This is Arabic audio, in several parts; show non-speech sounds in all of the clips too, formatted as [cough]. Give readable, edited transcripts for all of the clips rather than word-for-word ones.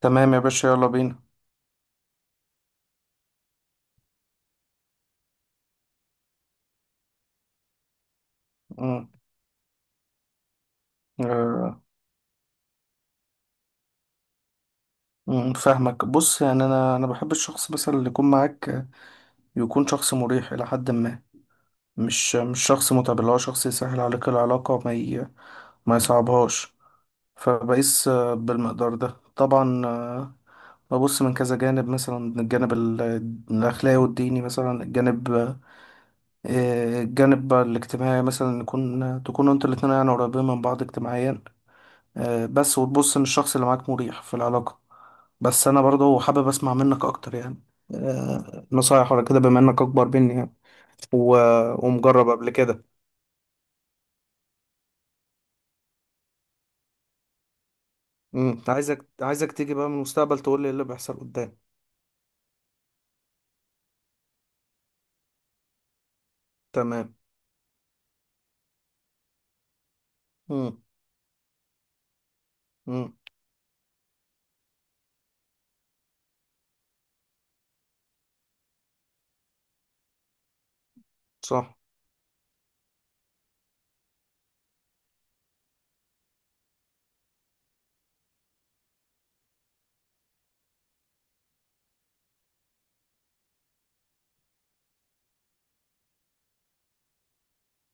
تمام يا باشا، يلا بينا. مم. آه، فاهمك. بص يعني انا بحب الشخص مثلا اللي يكون معاك يكون شخص مريح الى حد ما، مش شخص متعب، اللي هو شخص يسهل عليك العلاقه ما يصعبهاش. فبقيس بالمقدار ده طبعا. ببص من كذا جانب، مثلا من الجانب الأخلاقي والديني، مثلا الجانب، الجانب الاجتماعي، مثلا تكونوا انتوا الاتنين يعني قريبين من بعض اجتماعيا. بس وتبص ان الشخص اللي معاك مريح في العلاقة. بس انا برضه حابب اسمع منك اكتر يعني، نصايح ولا كده، بما انك اكبر مني يعني و... ومجرب قبل كده. امم، عايزك تيجي بقى من المستقبل تقول لي ايه اللي بيحصل قدام. تمام. امم. امم صح.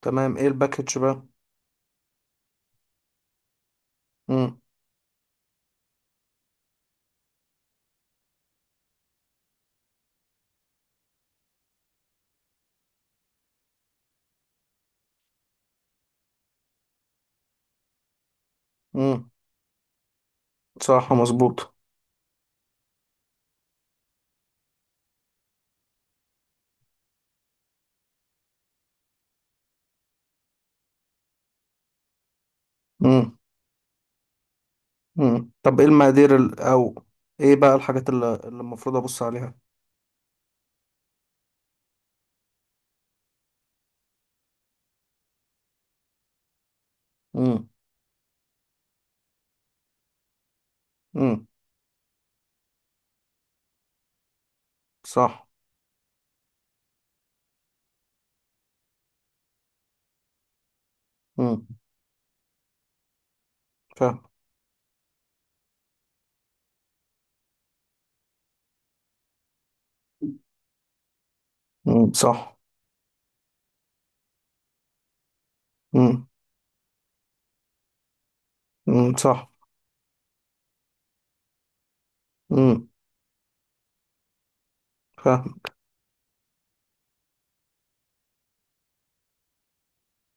تمام، ايه الباكج بقى؟ امم. امم صح مظبوط. امم. طب ايه المقادير او ايه بقى الحاجات اللي المفروض ابص عليها. امم. امم صح. امم فاهم. صح. امم. صح. امم فاهم.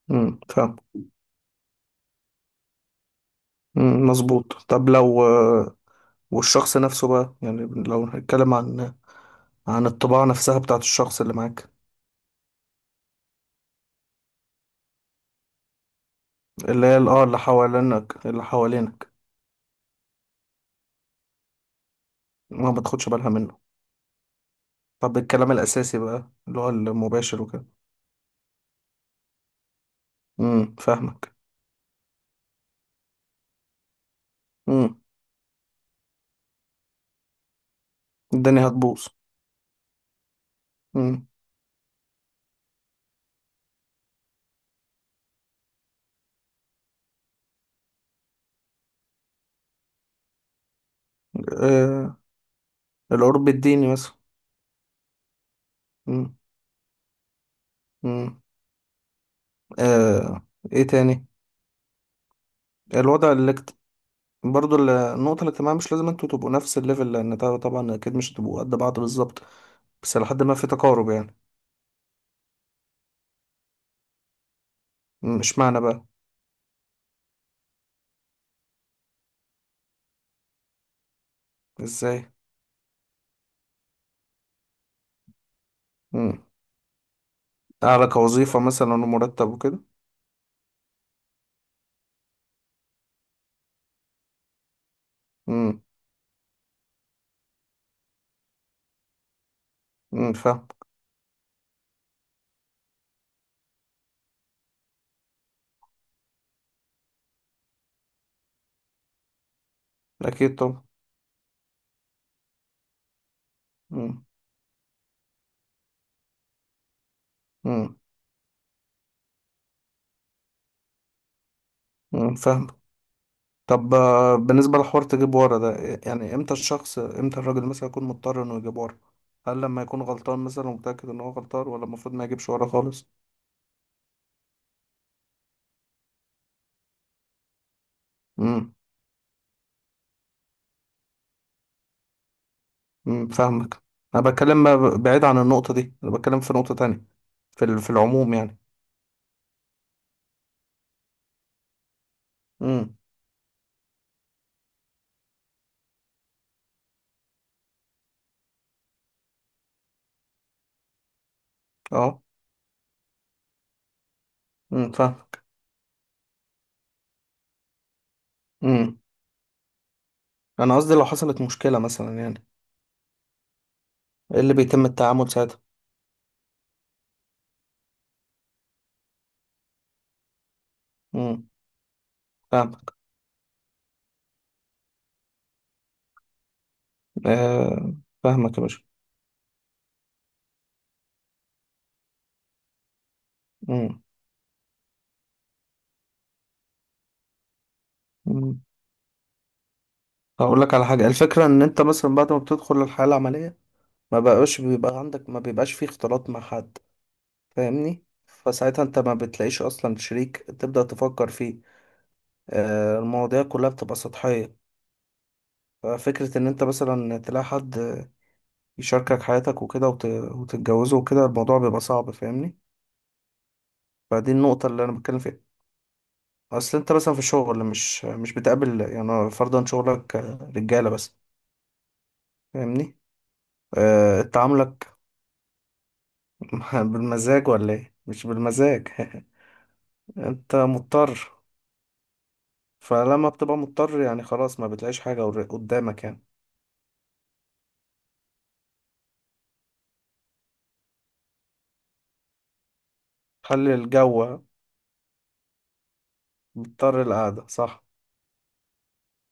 فاهم. مظبوط. طب لو والشخص نفسه بقى يعني، لو هنتكلم عن الطباع نفسها بتاعت الشخص اللي معاك، اللي هي اللي حوالينك. ما بتاخدش بالها منه. طب الكلام الأساسي بقى اللي هو المباشر وكده. فاهمك. امم. الدنيا هتبوظ. امم. آه. القرب الديني مثلا. امم. امم. آه. ايه تاني؟ الوضع، برضو النقطة الاجتماعية، مش لازم انتوا تبقوا نفس الليفل، لأن طبعا طبعاً أكيد مش هتبقوا قد بعض بالظبط، بس لحد ما في تقارب يعني. مش معنى بقى. ازاي؟ مم. أعلى كوظيفة مثلا ومرتب وكده. مم. مم فاهم. أكيد طبعا. مم. مم. مم فاهم. طب بالنسبة لحوار تجيب ورا ده، يعني امتى الراجل مثلا يكون مضطر انه يجيب ورا؟ هل لما يكون غلطان مثلا ومتأكد ان هو غلطان، ولا المفروض ما يجيبش ورا خالص؟ فاهمك. انا بعيد عن النقطه دي، انا بتكلم في نقطه تانية، في في العموم يعني. امم. اه. فاهمك. امم. انا قصدي لو حصلت مشكله مثلا يعني، ايه اللي بيتم التعامل ساعتها؟ امم فاهمك. آه فاهمك يا باشا. امم. امم. هقول لك على حاجه. الفكره ان انت مثلا بعد ما بتدخل الحياه العمليه، ما بقاش بيبقى عندك ما بيبقاش فيه اختلاط مع حد، فاهمني؟ فساعتها انت ما بتلاقيش اصلا شريك تبدا تفكر فيه. آه المواضيع كلها بتبقى سطحيه. ففكرة إن أنت مثلا تلاقي حد يشاركك حياتك وكده وتتجوزه وكده، الموضوع بيبقى صعب، فاهمني؟ فدي النقطة اللي أنا بتكلم فيها. أصل أنت مثلا في الشغل مش بتقابل يعني، فرضا شغلك رجالة بس، فاهمني. أه... تعاملك [laughs] بالمزاج ولا إيه؟ مش بالمزاج. [laughs] أنت مضطر. فلما بتبقى مضطر يعني خلاص ما بتلاقيش حاجة قدامك يعني. خلي الجو. مضطر القعدة، صح؟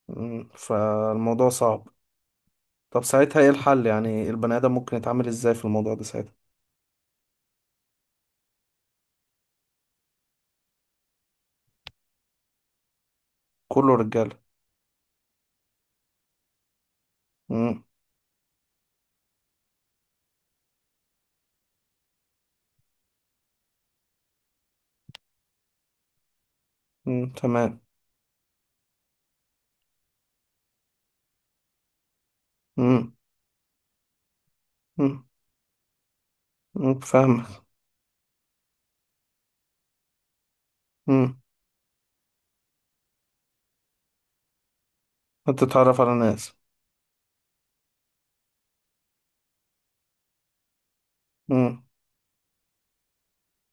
فالموضوع صعب. طب ساعتها ايه الحل يعني؟ البني ادم ممكن يتعامل ازاي في الموضوع ده ساعتها؟ كله رجاله. امم. تمام. امم. امم. فاهمك. امم. هتتعرف على ناس. امم.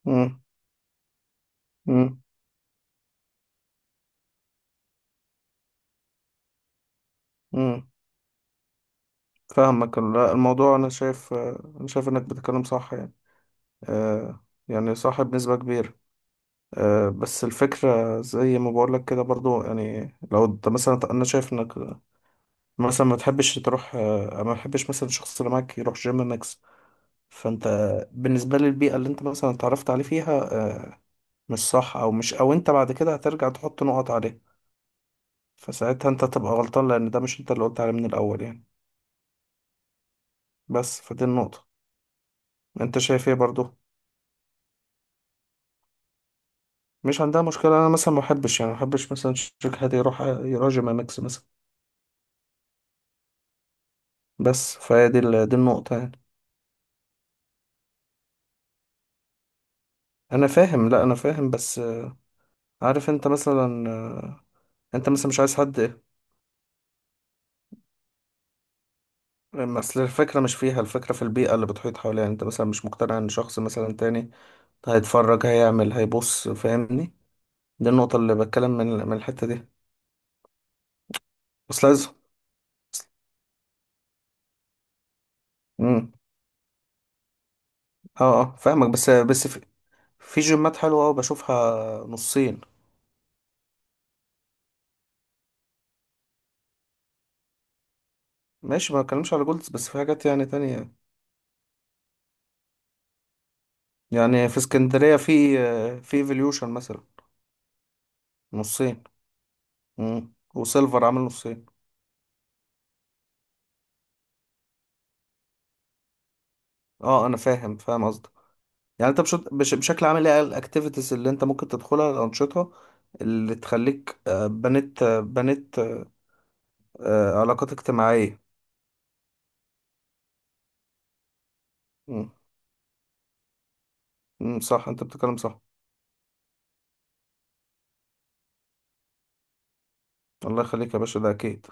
امم. امم. امم فاهمك. لا، الموضوع، انا شايف انك بتتكلم صح يعني، آه يعني صح بنسبة كبيرة. آه بس الفكرة زي ما بقولك كده برضو، يعني لو انت مثلا، انا شايف انك مثلا ما تحبش مثلا الشخص اللي معاك يروح جيم انك. فانت بالنسبة لي البيئة اللي انت مثلا اتعرفت عليه فيها، آه، مش صح، او مش او انت بعد كده هترجع تحط نقط عليه. فساعتها انت تبقى غلطان لان ده مش انت اللي قلت عليه من الاول يعني. بس فدي النقطة. انت شايف ايه برضو؟ مش عندها مشكلة، انا مثلا ما احبش يعني، ما احبش مثلا شركة هادي يروح يراجع مع ماكس مثلا. بس فهي دي دي النقطة يعني. انا فاهم، لا انا فاهم، بس عارف انت مثلا انت مثلا مش عايز حد ايه. اصل الفكرة مش فيها، الفكرة في البيئة اللي بتحيط حواليها، يعني انت مثلا مش مقتنع ان شخص مثلا تاني هيتفرج هيعمل هيبص، فاهمني؟ دي النقطة اللي بتكلم من الحتة دي. بس لازم. امم. اه فاهمك، بس في جيمات حلوة أوي بشوفها نصين. ماشي ما بتكلمش على جولدز، بس في حاجات يعني تانية، يعني في اسكندرية في في ايفوليوشن مثلا. نصين. وسيلفر عامل نصين. اه انا فاهم قصدك. يعني انت بشكل عام ايه الاكتيفيتيز اللي انت ممكن تدخلها، الانشطة اللي تخليك بنيت علاقات اجتماعية. صح انت بتتكلم صح. الله يخليك يا باشا ده اكيد.